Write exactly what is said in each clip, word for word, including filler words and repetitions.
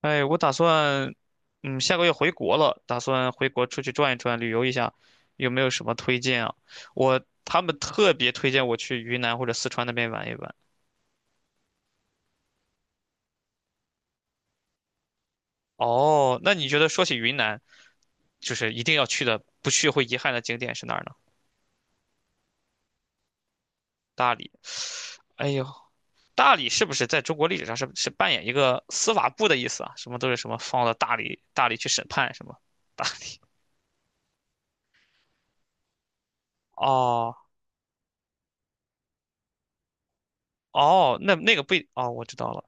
哎，我打算，嗯，下个月回国了，打算回国出去转一转，旅游一下，有没有什么推荐啊？我，他们特别推荐我去云南或者四川那边玩一玩。哦，那你觉得说起云南，就是一定要去的，不去会遗憾的景点是哪儿呢？大理。哎呦，大理是不是在中国历史上是是扮演一个司法部的意思啊？什么都是什么放到大理，大理去审判什么？大 哦哦，那那个不一，哦，我知道了。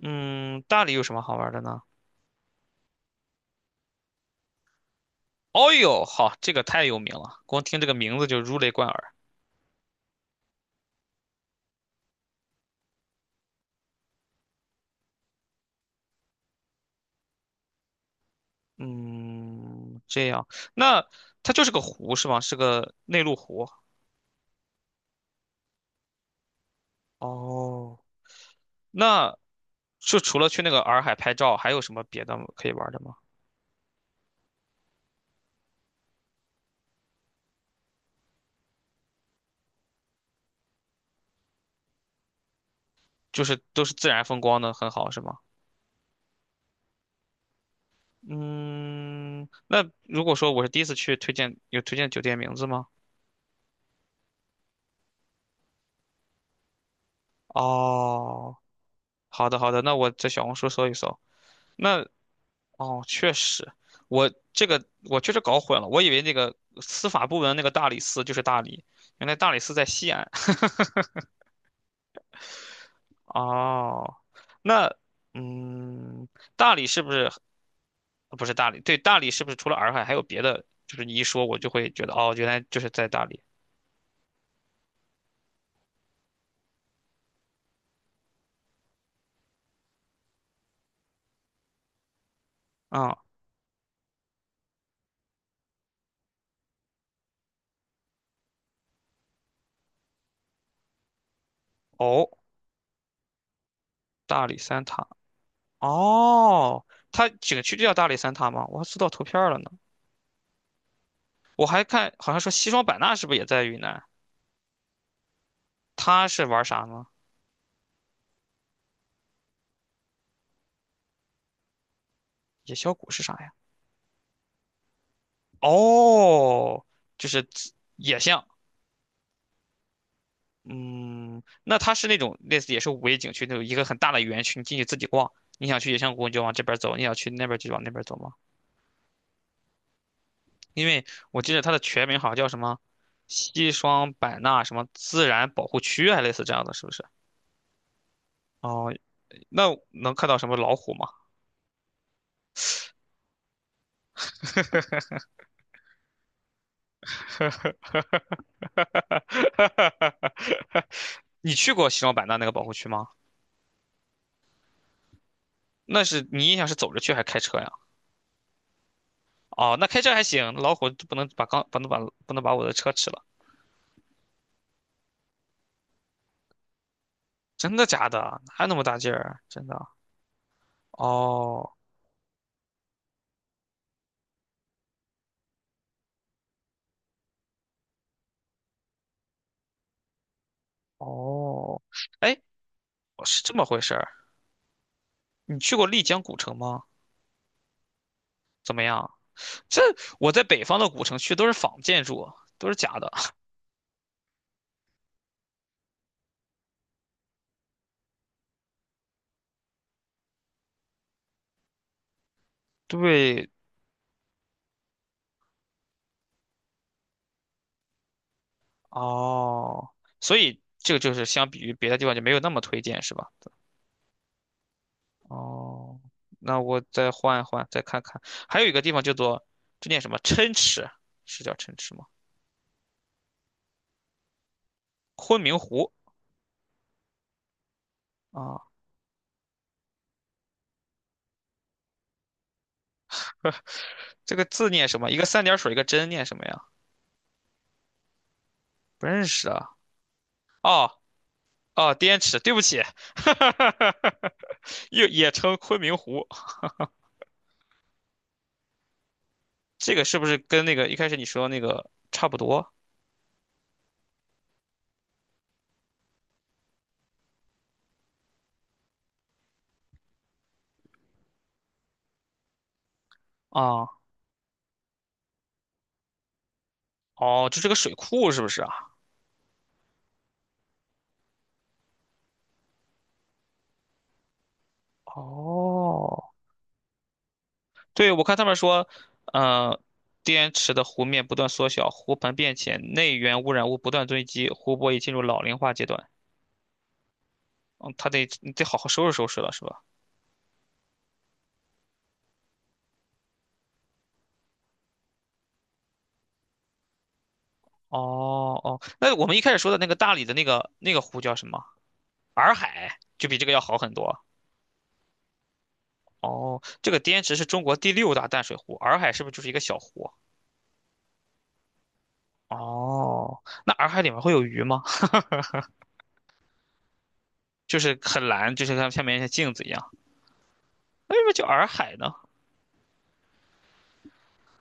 嗯，大理有什么好玩的呢？哦呦，好，这个太有名了，光听这个名字就如雷贯耳。嗯，这样，那它就是个湖是吗？是个内陆湖。哦，那就除了去那个洱海拍照，还有什么别的可以玩的吗？就是都是自然风光的，很好是吗？嗯，那如果说我是第一次去，推荐有推荐酒店名字吗？哦，好的好的，那我在小红书搜一搜。那哦，确实，我这个我确实搞混了，我以为那个司法部门那个大理寺就是大理，原来大理寺在西安。哦，那嗯，大理是不是呃不是大理？对，大理是不是除了洱海还有别的？就是你一说，我就会觉得哦，原来就是在大理。啊、哦，大理三塔。哦，它景区就叫大理三塔吗？我还搜到图片儿了呢。我还看，好像说西双版纳是不是也在云南？它是玩啥呢？野小谷是啥呀？哦，就是自野象，嗯，那它是那种类似也是五 A 景区那种一个很大的园区，你进去自己逛，你想去野象谷你就往这边走，你想去那边就往那边走吗？因为我记得它的全名好像叫什么西双版纳什么自然保护区，还类似这样的，是不是？哦，那能看到什么老虎吗？你去过西双版纳那个保护区吗？那是你印象是走着去还是开车呀？哦，那开车还行，老虎不能把刚不能把不能把我的车吃了，真的假的？哪有那么大劲儿啊？真的？哦哦，哎，是这么回事儿。你去过丽江古城吗？怎么样？这我在北方的古城去都是仿建筑，都是假的。对，哦，所以这个就是相比于别的地方就没有那么推荐，是吧？哦，那我再换一换，再看看，还有一个地方叫做这念什么？琛池，是叫琛池吗？昆明湖。啊，这个字念什么？一个三点水，一个真，念什么呀？不认识啊。哦哦，滇池，对不起，又也称昆明湖。这个是不是跟那个一开始你说那个差不多啊？哦，这是个水库是不是啊？哦，对，我看他们说，嗯，滇池的湖面不断缩小，湖盆变浅，内源污染物不断堆积，湖泊已进入老龄化阶段。嗯，他得你得好好收拾收拾了，是吧？哦哦，那我们一开始说的那个大理的那个那个湖叫什么？洱海就比这个要好很多。哦，这个滇池是中国第六大淡水湖，洱海是不是就是一个小湖？哦，那洱海里面会有鱼吗？就是很蓝，就是它下面像镜子一样。为什么叫洱海呢？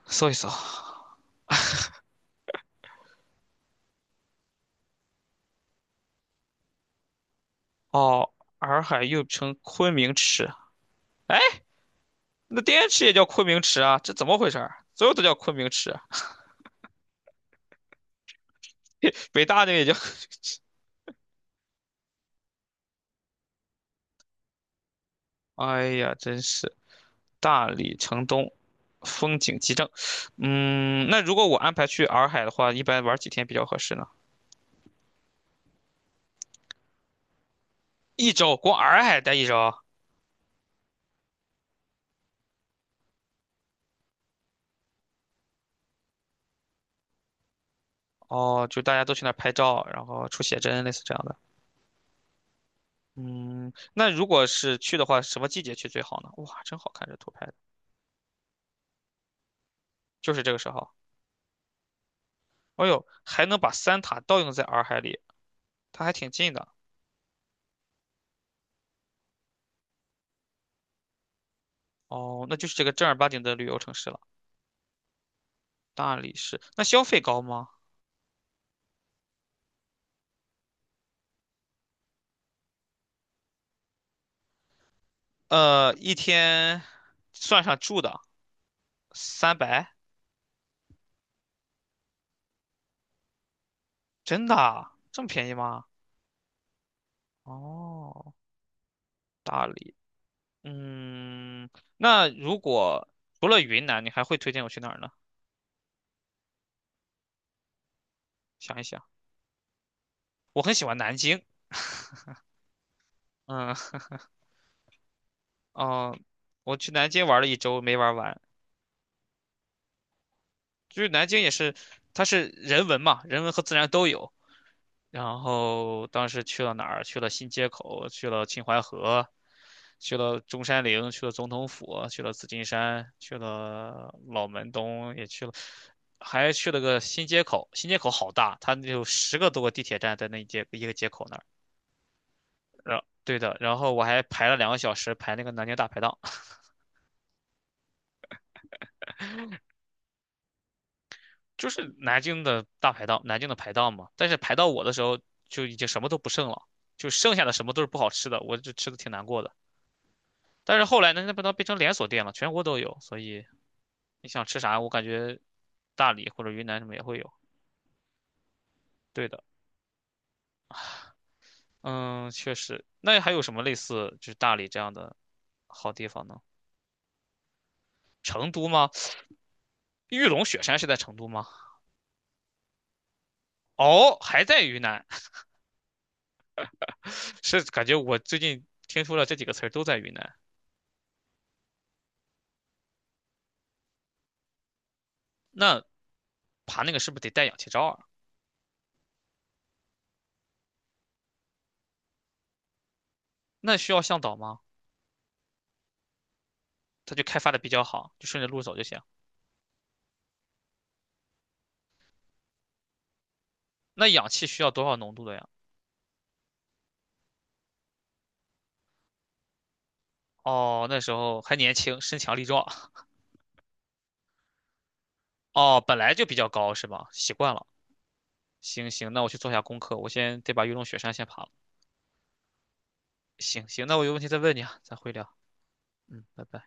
搜一搜。哦，洱海又称昆明池。哎，那滇池也叫昆明池啊？这怎么回事儿？所有都叫昆明池啊，北大那个也叫……哎呀，真是大理城东，风景极正。嗯，那如果我安排去洱海的话，一般玩几天比较合适呢？一周，光洱海待一周。哦，就大家都去那儿拍照，然后出写真，类似这样的。嗯，那如果是去的话，什么季节去最好呢？哇，真好看这图拍的，就是这个时候。哎呦，还能把三塔倒映在洱海里，它还挺近的。哦，那就是这个正儿八经的旅游城市了，大理市。那消费高吗？呃，一天算上住的三百，真的啊这么便宜吗？哦，大理。嗯，那如果除了云南，你还会推荐我去哪儿呢？想一想，我很喜欢南京。嗯，哦，我去南京玩了一周，没玩完。就是南京也是，它是人文嘛，人文和自然都有。然后当时去了哪儿？去了新街口，去了秦淮河，去了中山陵，去了总统府，去了紫金山，去了老门东，也去了，还去了个新街口。新街口好大，它有十个多个地铁站在那一街一个街口那儿。然对的，然后我还排了两个小时排那个南京大排档，就是南京的大排档，南京的排档嘛。但是排到我的时候就已经什么都不剩了，就剩下的什么都是不好吃的，我就吃的挺难过的。但是后来呢，那不都变成连锁店了，全国都有，所以你想吃啥，我感觉大理或者云南什么也会有。对的，嗯，确实。那还有什么类似就是大理这样的好地方呢？成都吗？玉龙雪山是在成都吗？哦，还在云南，是感觉我最近听说了这几个词儿都在云南。爬那个是不是得带氧气罩啊？那需要向导吗？它就开发的比较好，就顺着路走就行。那氧气需要多少浓度的呀？哦，那时候还年轻，身强力壮。哦，本来就比较高是吧？习惯了。行行，那我去做下功课，我先得把玉龙雪山先爬了。行行，那我有问题再问你啊，咱回聊。嗯，拜拜。